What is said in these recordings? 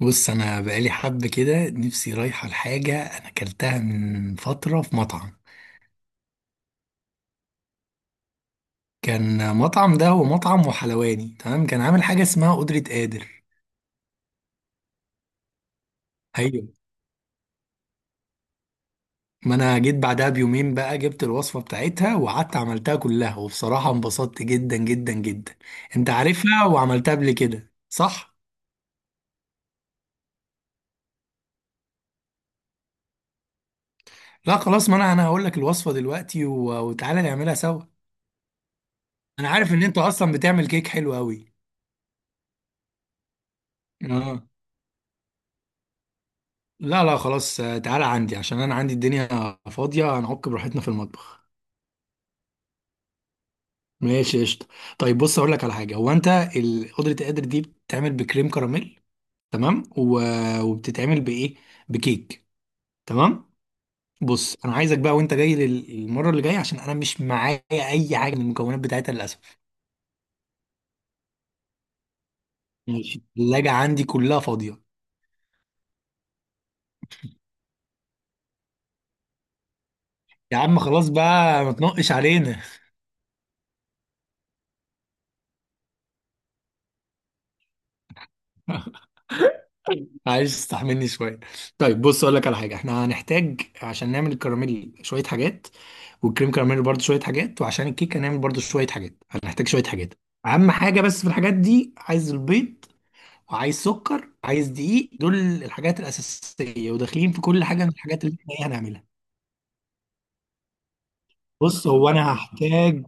بص، انا بقالي حب كده نفسي رايحه لحاجه انا اكلتها من فتره في مطعم. كان مطعم، ده هو مطعم وحلواني. تمام، كان عامل حاجه اسمها قدره قادر. ايوه، ما انا جيت بعدها بيومين بقى جبت الوصفه بتاعتها وقعدت عملتها كلها، وبصراحه انبسطت جدا جدا جدا. انت عارفها وعملتها قبل كده صح؟ لا خلاص، ما انا هقول لك الوصفه دلوقتي وتعالى نعملها سوا. انا عارف ان انت اصلا بتعمل كيك حلو قوي. اه، لا لا خلاص، تعالى عندي عشان انا عندي الدنيا فاضيه، هنعك براحتنا في المطبخ. ماشي قشطه. طيب بص اقول لك على حاجه، هو انت قدره القدر دي بتتعمل بكريم كراميل، تمام، وبتتعمل بايه؟ بكيك. تمام. بص، انا عايزك بقى وانت جاي المره اللي جايه عشان انا مش معايا اي حاجه من المكونات بتاعتها للاسف. ماشي، الثلاجه عندي كلها فاضيه. يا عم خلاص بقى ما تنقش علينا. عايز تستحملني شويه؟ طيب بص اقول لك على حاجه، احنا هنحتاج عشان نعمل الكراميل شويه حاجات، والكريم كراميل برضو شويه حاجات، وعشان الكيك هنعمل برضو شويه حاجات، هنحتاج شويه حاجات. اهم حاجه بس في الحاجات دي، عايز البيض، وعايز سكر، عايز دقيق. دول الحاجات الاساسيه وداخلين في كل حاجه من الحاجات اللي احنا إيه هنعملها. بص، هو انا هحتاج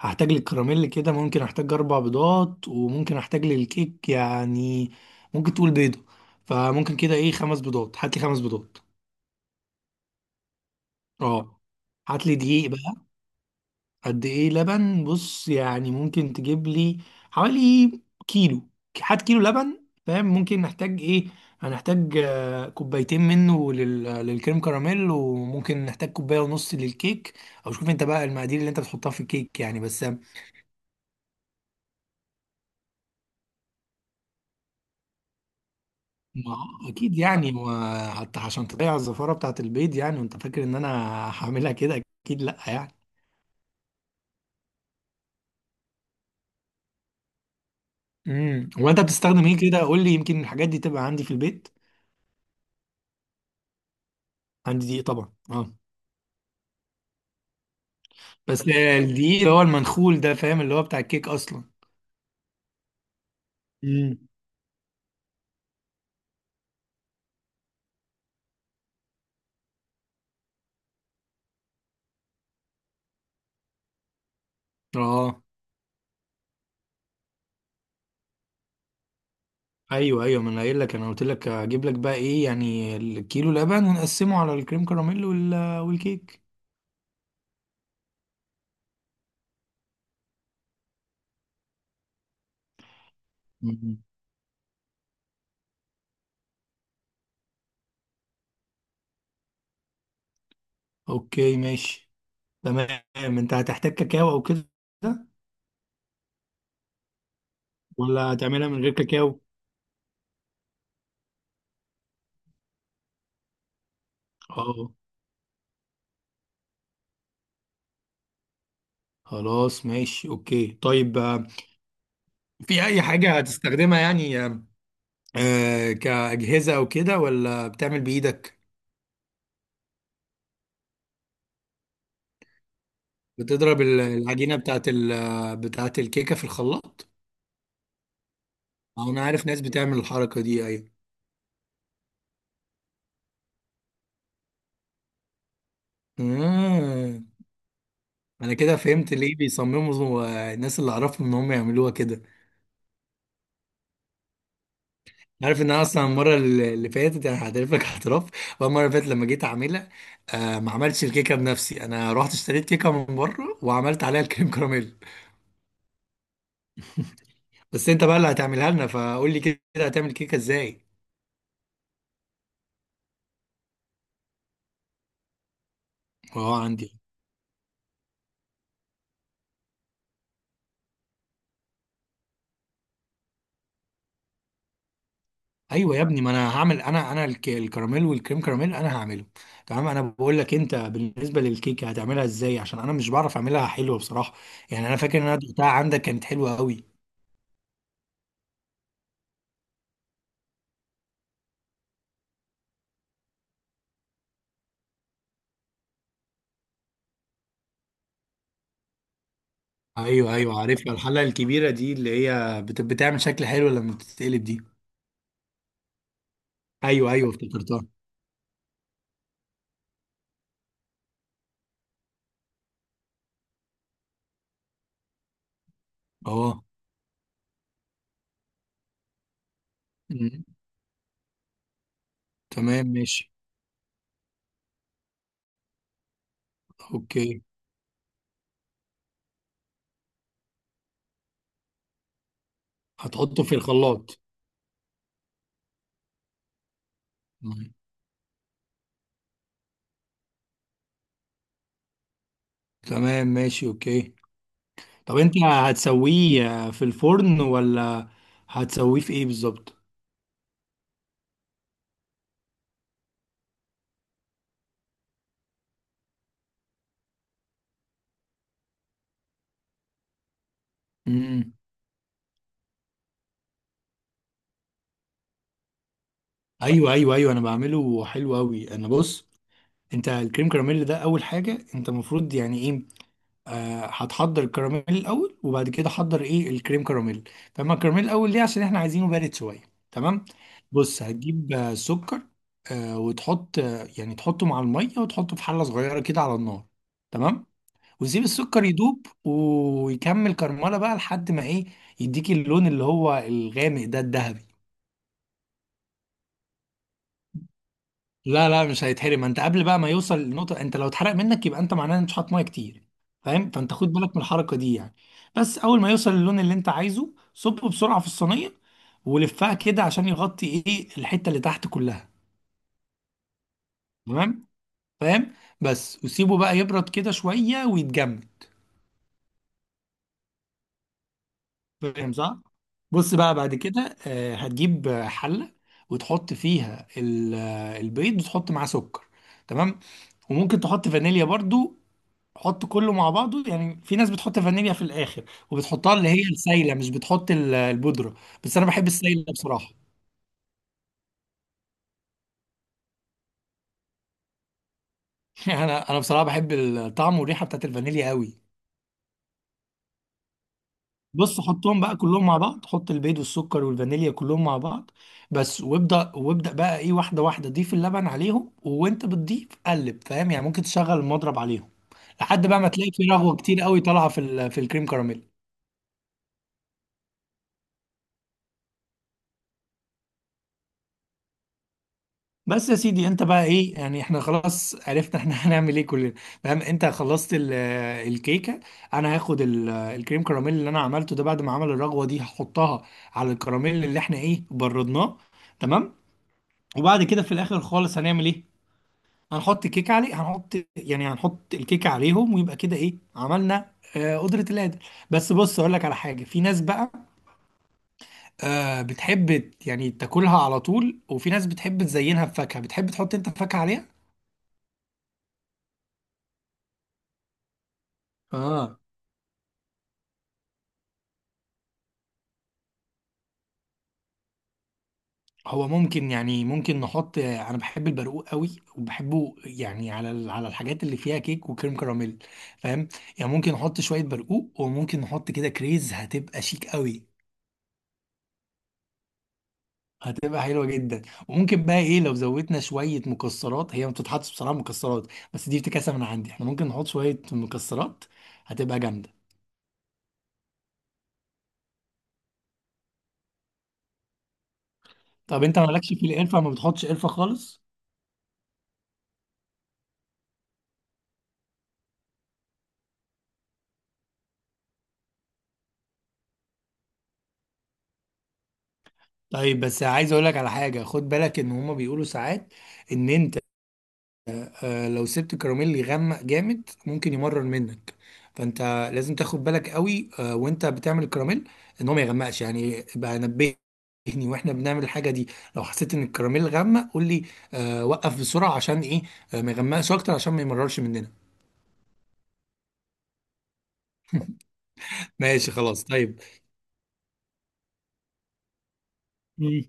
هحتاج للكراميل كده. ممكن احتاج اربع بيضات، وممكن احتاج للكيك، يعني ممكن تقول بيضه، فممكن كده ايه خمس بيضات. هات لي خمس بيضات. اه، هات لي دقيق بقى. قد ايه لبن؟ بص يعني ممكن تجيب لي حوالي كيلو. هات كيلو لبن. فاهم ممكن نحتاج ايه؟ هنحتاج كوبايتين منه للكريم كراميل، وممكن نحتاج كوبايه ونص للكيك. او شوف انت بقى المقادير اللي انت بتحطها في الكيك، يعني بس. ما هو اكيد يعني، حتى عشان تضيع الزفاره بتاعت البيض يعني، وانت فاكر ان انا هعملها كده؟ اكيد لا يعني. وانت بتستخدم ايه كده، قول لي؟ يمكن الحاجات دي تبقى عندي في البيت. عندي دقيق طبعا، اه. بس الدقيق اللي هو المنخول ده، فاهم، اللي هو بتاع الكيك اصلا. امم. اه. ايوه ايوه، ما انا قايل لك، انا قلت لك هجيب لك بقى ايه، يعني الكيلو لبن ونقسمه على الكريم كراميل والكيك. أمم. اوكي ماشي. تمام، انت هتحتاج كاكاو او كده، ولا هتعملها من غير كاكاو؟ اه، خلاص ماشي اوكي. طيب. في اي حاجة هتستخدمها يعني، كأجهزة او كده، ولا بتعمل بايدك؟ بتضرب العجينة بتاعت الكيكة في الخلاط؟ أو أنا عارف ناس بتعمل الحركة دي، أيوة. آه. أنا كده فهمت ليه بيصمموا، الناس اللي أعرفهم، إن هم يعملوها كده. عارف إن أنا أصلا المرة اللي فاتت أنا هعترف لك اعتراف بقى. المرة اللي فاتت لما جيت أعملها، ما عملتش الكيكة بنفسي، أنا رحت اشتريت كيكة من بره وعملت عليها الكريم كراميل. بس أنت بقى اللي هتعملها لنا، فقول لي كده هتعمل كيكة إزاي؟ أه عندي. ايوه يا ابني، ما انا هعمل، انا الكراميل والكريم كراميل انا هعمله. تمام، انا بقول لك انت بالنسبه للكيكه هتعملها ازاي، عشان انا مش بعرف اعملها حلوه بصراحه. يعني انا فاكر ان انا دقتها عندك كانت حلوه قوي. ايوه ايوه، عارفها، الحله الكبيره دي اللي هي بتعمل شكل حلو لما بتتقلب دي. ايوه ايوه، افتكرتها. اه. أمم. تمام ماشي اوكي. هتحطه في الخلاط؟ أمم. تمام ماشي اوكي. طب انت هتسويه في الفرن، ولا هتسويه في ايه بالظبط؟ امم ايوه ايوه ايوه، انا بعمله حلو قوي. انا، بص، انت الكريم كراميل ده اول حاجه انت المفروض يعني ايه، هتحضر الكراميل الاول، وبعد كده حضر ايه الكريم كراميل. فاما الكراميل الاول ليه، عشان احنا عايزينه بارد شويه. تمام. بص، هتجيب سكر وتحط، يعني تحطه مع الميه، وتحطه في حله صغيره كده على النار. تمام. وتسيب السكر يدوب ويكمل كرمله بقى لحد ما ايه، يديك اللون اللي هو الغامق ده الذهبي. لا لا، مش هيتحرم، ما انت قبل بقى ما يوصل للنقطه، انت لو اتحرق منك يبقى انت معناه ان مش حاطط ميه كتير. فاهم، فانت خد بالك من الحركه دي يعني. بس اول ما يوصل للون اللي انت عايزه، صبه بسرعه في الصينيه ولفها كده عشان يغطي ايه الحته اللي تحت كلها. تمام، فاهم. بس وسيبه بقى يبرد كده شويه ويتجمد. فاهم صح؟ بص بقى بعد كده هتجيب حله، وتحط فيها البيض، وتحط معاه سكر. تمام. وممكن تحط فانيليا برضو، حط كله مع بعضه، يعني في ناس بتحط فانيليا في الاخر، وبتحطها اللي هي السايله، مش بتحط البودره، بس انا بحب السايله بصراحه. انا بصراحه بحب الطعم والريحه بتاعت الفانيليا قوي. بص حطهم بقى كلهم مع بعض، حط البيض والسكر والفانيليا كلهم مع بعض بس، وابدا وابدا بقى ايه، واحده واحده ضيف اللبن عليهم وانت بتضيف قلب، فاهم يعني، ممكن تشغل المضرب عليهم لحد بقى ما تلاقي في رغوه كتير قوي طالعه في في الكريم كراميل. بس يا سيدي انت بقى ايه يعني، احنا خلاص عرفنا احنا هنعمل ايه كلنا. فاهم، انت خلصت الكيكه، انا هاخد الكريم كراميل اللي انا عملته ده بعد ما عمل الرغوه دي، هحطها على الكراميل اللي احنا ايه بردناه. تمام. وبعد كده في الاخر خالص هنعمل ايه، هنحط الكيكه عليه، هنحط، يعني هنحط الكيكه عليهم، ويبقى كده ايه عملنا قدرة القادر. بس بص اقول لك على حاجه، في ناس بقى بتحب يعني تاكلها على طول، وفي ناس بتحب تزينها بفاكهه. بتحب تحط انت فاكهه عليها؟ اه، هو ممكن يعني، ممكن نحط، انا بحب البرقوق قوي وبحبه يعني على على الحاجات اللي فيها كيك وكريم كراميل، فاهم يعني. ممكن نحط شويه برقوق، وممكن نحط كده كريز، هتبقى شيك قوي. هتبقى حلوه جدا. وممكن بقى ايه، لو زودنا شويه مكسرات، هي ما بتتحطش بصراحه مكسرات، بس دي افتكاسه من عندي، احنا ممكن نحط شويه مكسرات، هتبقى جامده. طب انت مالكش في القرفه، ما بتحطش قرفه خالص؟ طيب بس عايز اقول لك على حاجه، خد بالك ان هما بيقولوا ساعات ان انت لو سبت الكراميل يغمق جامد ممكن يمرر منك. فانت لازم تاخد بالك قوي وانت بتعمل الكراميل ان هو ما يغمقش، يعني يبقى نبهني واحنا بنعمل الحاجه دي. لو حسيت ان الكراميل غمق قول لي، وقف بسرعه عشان ايه، ما يغمقش اكتر عشان ما يمررش مننا. ماشي خلاص طيب. مم.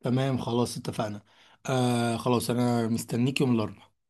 تمام خلاص اتفقنا. آه خلاص، انا مستنيك يوم الاربعاء